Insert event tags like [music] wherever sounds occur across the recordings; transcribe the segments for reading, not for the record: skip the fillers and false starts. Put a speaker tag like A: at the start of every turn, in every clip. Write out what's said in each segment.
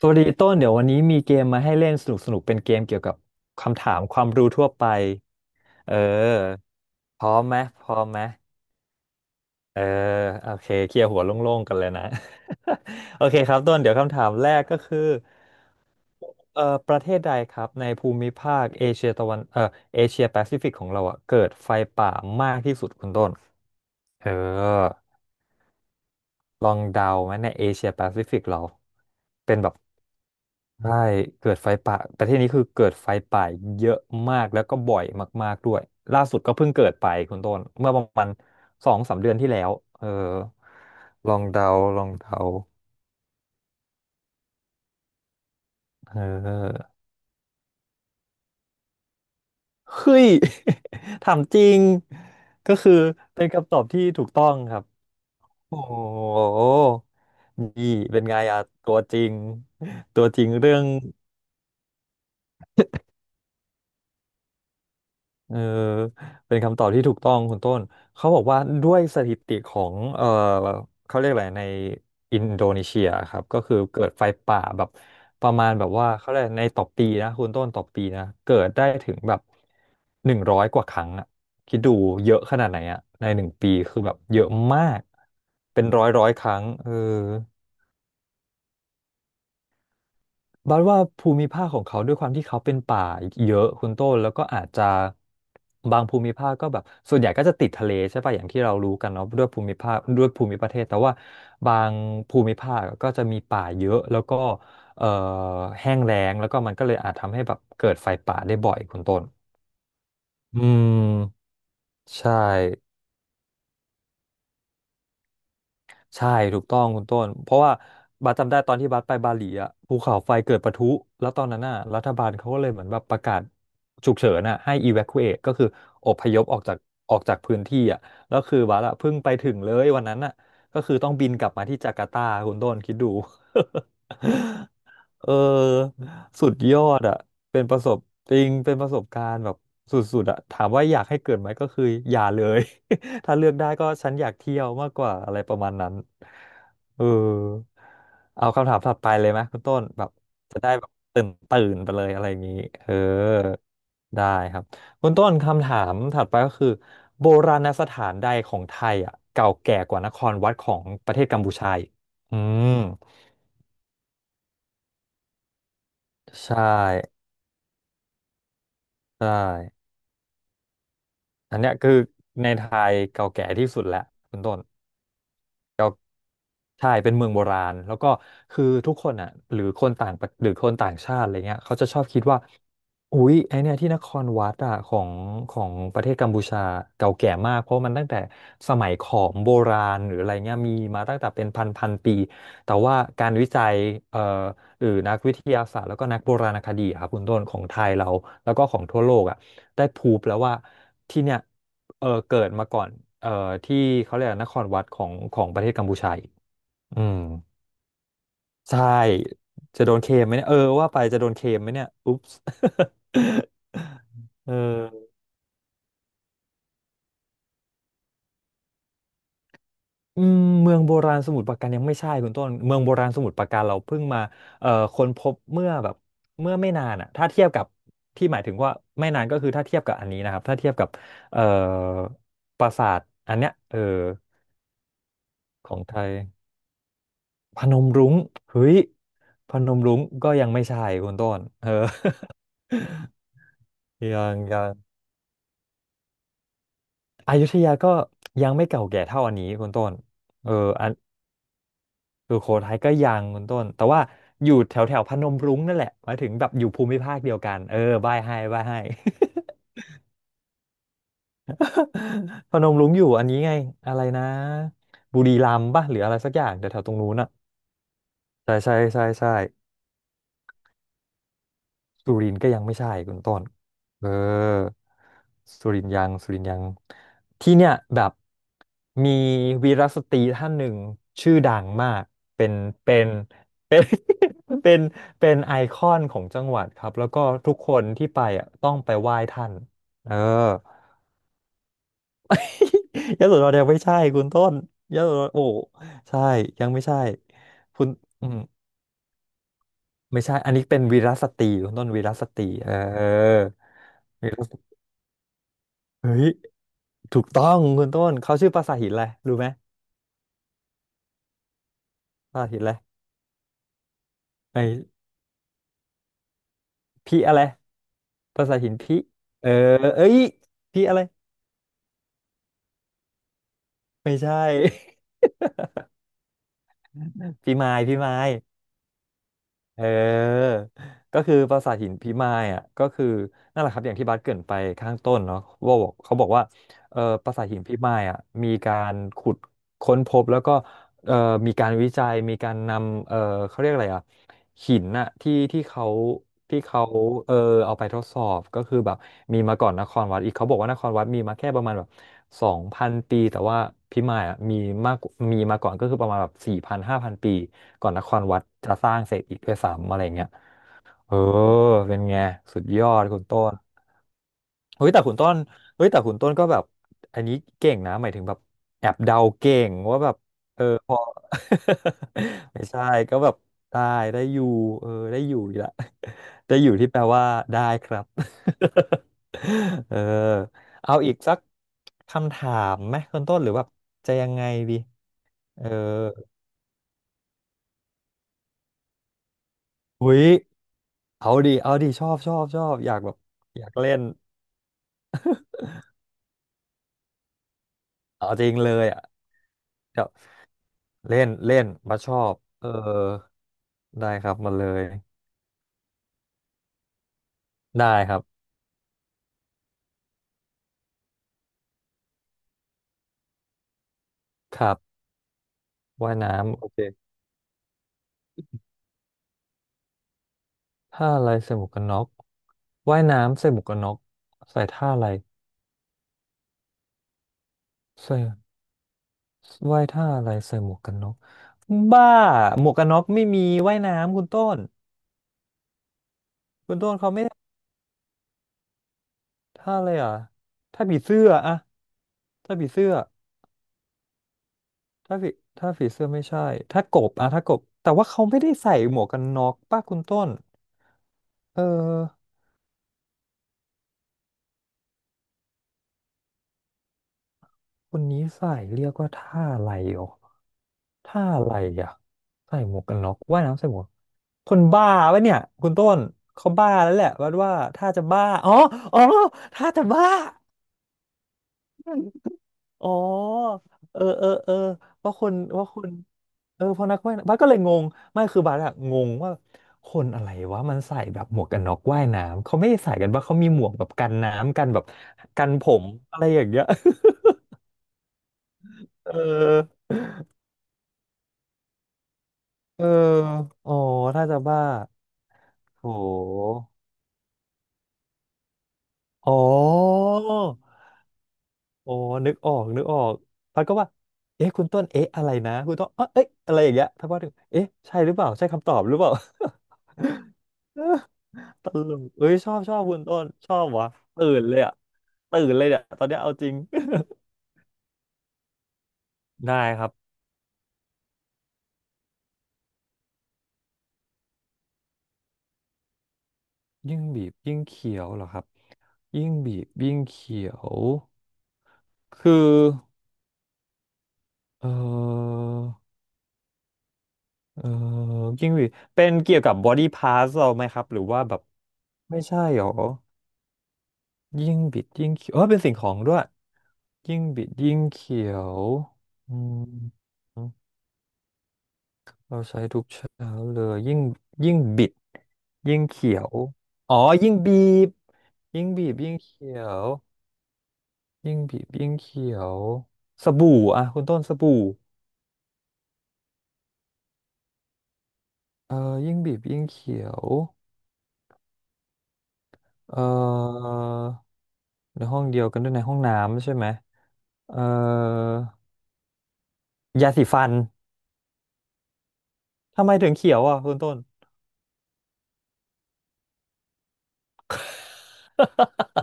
A: สวัสดีต้นเดี๋ยววันนี้มีเกมมาให้เล่นสนุกสนุกเป็นเกมเกี่ยวกับคำถามความรู้ทั่วไปเออพร้อมไหมพร้อมไหมเออโอเคเคลียร์หัวโล่งๆกันเลยนะ [laughs] โอเคครับต้นเดี๋ยวคำถามแรกก็คือประเทศใดครับในภูมิภาคเอเชียตะวันเอ่อเอเชียแปซิฟิกของเราอะเกิดไฟป่ามากที่สุดคุณต้นเออลองเดาไหมในเอเชียแปซิฟิกเราเป็นแบบ ใช่เกิดไฟป่าประเทศนี้คือเกิดไฟป่าเยอะมากแล้วก็บ่อยมากๆด้วยล่าสุดก็เพิ่งเกิดไปคุณต้นเมื่อประมาณสองสามเดือนที่แล้วเออลองเดาลองเดาเออเฮ้ย [laughs] ถามจริงก็คือเป็นคำตอบที่ถูกต้องครับโอ้โหนี่เป็นไงอะตัวจริงตัวจริงเรื่อง เออเป็นคำตอบที่ถูกต้องคุณต้นเขาบอกว่าด้วยสถิติของเขาเรียกอะไรในอินโดนีเซียครับก็คือเกิดไฟป่าแบบประมาณแบบว่าเขาเรียกในต่อปีนะคุณต้นต่อปีนะเกิดได้ถึงแบบหนึ่งร้อยกว่าครั้งอะคิดดูเยอะขนาดไหนอะในหนึ่งปีคือแบบเยอะมากเป็นร้อยร้อยครั้งบัดว่าภูมิภาคของเขาด้วยความที่เขาเป็นป่าเยอะคุณต้นแล้วก็อาจจะบางภูมิภาคก็แบบส่วนใหญ่ก็จะติดทะเลใช่ป่ะอย่างที่เรารู้กันเนาะด้วยภูมิภาคด้วยภูมิประเทศแต่ว่าบางภูมิภาคก็จะมีป่าเยอะแล้วก็เอ่อแห้งแล้งแล้วก็มันก็เลยอาจทำให้แบบเกิดไฟป่าได้บ่อยคุณต้นอืมใช่ ใช่ถูกต้องคุณต้นเพราะว่าบาสจำได้ตอนที่บาสไปบาหลีอ่ะภูเขาไฟเกิดปะทุแล้วตอนนั้นน่ะรัฐบาลเขาก็เลยเหมือนแบบประกาศฉุกเฉินอ่ะให้ evacuate ก็คืออพยพออกจากพื้นที่อ่ะแล้วคือบาสอ่ะเพิ่งไปถึงเลยวันนั้นน่ะก็คือต้องบินกลับมาที่จาการ์ตาคุณต้นคิดดู [laughs] เออสุดยอดอ่ะเป็นประสบจริงเป็นประสบการณ์แบบสุดๆอ่ะถามว่าอยากให้เกิดไหมก็คืออย่าเลย [laughs] ถ้าเลือกได้ก็ฉันอยากเที่ยวมากกว่าอะไรประมาณนั้นเออเอาคำถามถัดไปเลยไหมคุณต้นแบบจะได้แบบตื่นตื่นไปเลยอะไรอย่างนี้เออได้ครับคุณต้นคำถามถัดไปก็คือโบราณสถานใดของไทยอ่ะเก่าแก่กว่านครวัดของประเทศกัมพูชาอีกอืมใช่ใช่ อันเนี้ยคือในไทยเก่าแก่ที่สุดแล้วคุณต้น ใช่เป็นเมืองโบราณแล้วก็คือทุกคนอ่ะหรือคนต่างประหรือคนต่างชาติอะไรเงี้ยเขาจะชอบคิดว่าอุ๊ยไอเนี่ยที่นครวัดอ่ะของประเทศกัมพูชาเก่าแก่มากเพราะมันตั้งแต่สมัยขอมโบราณหรืออะไรเงี้ยมีมาตั้งแต่เป็นพันพันปีแต่ว่าการวิจัยเอ่อหรือนักวิทยาศาสตร์แล้วก็นักโบราณคดีอะครับคุณต้นของไทยเราแล้วก็ของทั่วโลกอ่ะได้พรูฟแล้วว่าที่เนี่ยเกิดมาก่อนเอ่อที่เขาเรียกว่านครวัดของประเทศกัมพูชา อืมใช่จะโดนเคมไหมเนี่ยเออว่าไปจะโดนเคมไหมเนี่ยอุ๊ปส์ [laughs] เอออืมเมืองโบราณสมุทรปราการยังไม่ใช่คุณต้นเมืองโบราณสมุทรปราการเราเพิ่งมาค้นพบเมื่อไม่นานอ่ะถ้าเทียบกับที่หมายถึงว่าไม่นานก็คือถ้าเทียบกับอันนี้นะครับถ้าเทียบกับเอ่อปราสาทอันเนี้ยของไทยพนมรุ้งเฮ้ยพนมรุ้งก็ยังไม่ใช่คุณต้น [laughs] ยัง อยุธยาก็ยังไม่เก่าแก่เท่าอันนี้คุณต้นเอออันสุโขทัยก็ยังคุณต้นแต่ว่าอยู่แถวแถวพนมรุ้งนั่นแหละหมายถึงแบบอยู่ภูมิภาคเดียวกันใบ้ให้ [laughs] พนมรุ้งอยู่อันนี้ไงอะไรนะบุรีรัมย์ป่ะหรืออะไรสักอย่างแถวแถวตรงนู้นอ่ะใช่ใช่ สุรินทร์ก็ยังไม่ใช่คุณต้นเออสุรินทร์ยังที่เนี่ยแบบมีวีรสตรีท่านหนึ่งชื่อดังมากเป็นเป็นเป็น [laughs] เป็นเป็นไอคอนของจังหวัดครับแล้วก็ทุกคนที่ไปอ่ะต้องไปไหว้ท่านเออ [laughs] ยโสธรยังไม่ใช่คุณต้นยโสธรโอ้ใช่ยังไม่ใช่คุณอืมไม่ใช่อันนี้เป็นวีรสตรีคุณต้นวีรสตรีเฮ้ย ถูกต้องคุณต้นเขาชื่อปราสาทหินอะไรรู้ไหมปราสาทหินอะไรไอ้พี่อะไรปราสาทหินพี่เออเอ้ยพี่อะไรไม่ใช่ [laughs] พี่ไม้เออก็คือปราสาทหินพิมายอ่ะก็คือนั่นแหละครับอย่างที่บัสเกริ่นไปข้างต้นเนาะว่าบอกเขาบอกว่าเออปราสาทหินพิมายอ่ะมีการขุดค้นพบแล้วก็ เอ่อมีการวิจัยมีการนำเขาเรียกอะไรอ่ะหินน่ะที่เขาที่เขาเออเอาไปทดสอบก็คือแบบมีมาก่อนนครวัดอีกเขาบอกว่านครวัดมีมาแค่ประมาณแบบ2000 ปีแต่ว่าพิมายอ่ะมากมีมาก่อนก็คือประมาณแบบ4000 5000 ปีก่อนนครวัดจะสร้างเสร็จอีกด้วยซ้ำอะไรเงี้ยเออเป็นไงสุดยอดคุณต้น เฮ้ยแต่คุณต้นเฮ้ยแต่คุณต้นก็แบบอันนี้เก่งนะหมายถึงแบบแอบเดาเก่งว่าแบบเออพอ [laughs] ไม่ใช่ก็แบบได้ได้อยู่เออได้อยู่อีกละได้อยู่ที่แปลว่าได้ครับ [laughs] เออเอาอีกสักคำถามไหมคุณต้นหรือแบบจะยังไงดีเออหุยเอาดิชอบอยากแบบอยากเล่นเอาจริงเลยอ่ะ เล่นเล่นบัสชอบเออได้ครับมาเลยได้ครับครับว่ายน้ำโอเคท่าอะไรใส่หมวกกันน็อกว่ายน้ำใส่หมวกกันน็อกใส่ท่าอะไรใส่ว่ายท่าอะไรใส่หมวกกันน็อกบ้าหมวกกันน็อกไม่มีว่ายน้ำคุณต้นคุณต้นเขาไม่ท่าอะไรอ่ะท่าผีเสื้ออะท่าผีเสื้อถ้าผีถ้าผีเสื้อไม่ใช่ถ้ากบแต่ว่าเขาไม่ได้ใส่หมวกกันน็อกป้าคุณต้นเออ คนนี้ใส่เรียกว่าท่าอะไรอ๋อท่าอะไรอ่ะใส่หมวกกันน็อกว่ายน้ำใส่หมวกคนบ้าวะเนี่ยคุณต้นเขาบ้าแล้วแหละวัดว่าถ้าจะบ้าอ๋ออ๋อถ้าจะบ้าอ๋อเออเออเออว่าคนว่าคนเออเพอนักว่ายน้ำบาสก็เลยงงไม่คือบาสอะงงว่าคนอะไรวะมันใส่แบบหมวกกันน็อกว่ายน้ำเขาไม่ได้ใส่กันว่าเขามีหมวกแบบกันน้ำกันแบบกันผมอะไรอย่างเงี้ย [laughs] เออ เอออ๋อถ้าจะบ้าโหอ๋ออ๋อนึกออกพัดก็ว่าเอ๊ะคุณต้นเอ๊ะอะไรนะคุณต้นเอ๊ะเอ๊ะอะไรอย่างเงี้ยพัดว่าถึงเอ๊ะใช่หรือเปล่าใช่คำตอบหรือเปล่า [laughs] ตลกเอ้ยชอบคุณต้นชอบวะตื่นเลยอ่ะตื่นเลยเนี่ยตอนเนี้ยเอาจริง [laughs] ได้ครับยิ่งบีบยิ่งเขียวเหรอครับยิ่งบีบยิ่งเขียวคือเออ เออยิ่งบีเป็นเกี่ยวกับบอดี้พาร์ทเราไหมครับหรือว่าแบบไม่ใช่หรอยิ่งบิดยิ่งเขียวเออเป็นสิ่งของด้วยยิ่งบิดยิ่งเขียวอืมเราใช้ทุกเช้าเลยยิ่งยิ่งบิดยิ่งเขียวอ๋อยิ่งบีบยิ่งบีบยิ่งเขียวยิ่งบีบยิ่งเขียวสบู่อ่ะคุณต้นสบู่เออยิ่งบีบยิ่งเขียวเออในห้องเดียวกันด้วยในห้องน้ำใช่ไหม เอ่อยาสีฟันทำไมถึงเขียวอ่ะคุณต้น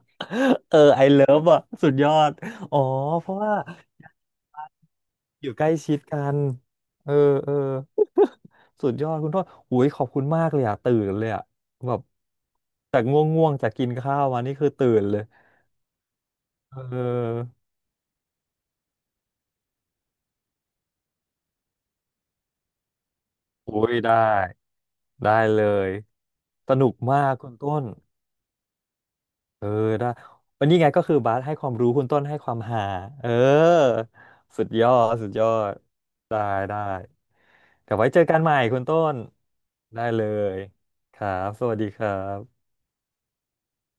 A: [laughs] เออไอเลิฟอ่ะสุดยอดอ๋อเพราะว่าอยู่ใกล้ชิดกันเออเออ [laughs] สุดยอดคุณต้นหุยขอบคุณมากเลยอ่ะตื่นเลยอ่ะแบบจากง่วงๆจากกินข้าวมานี่คือตื่นเลยเออโอ้ยได้ได้เลยสนุกมากคุณต้น เออได้วันนี้ไงก็คือบาสให้ความรู้คุณต้นให้ความหาเออสุดยอดได้ได้เดี๋ยวไว้เจอกันใหม่คุณต้นได้เลยครับสวัสดีครับ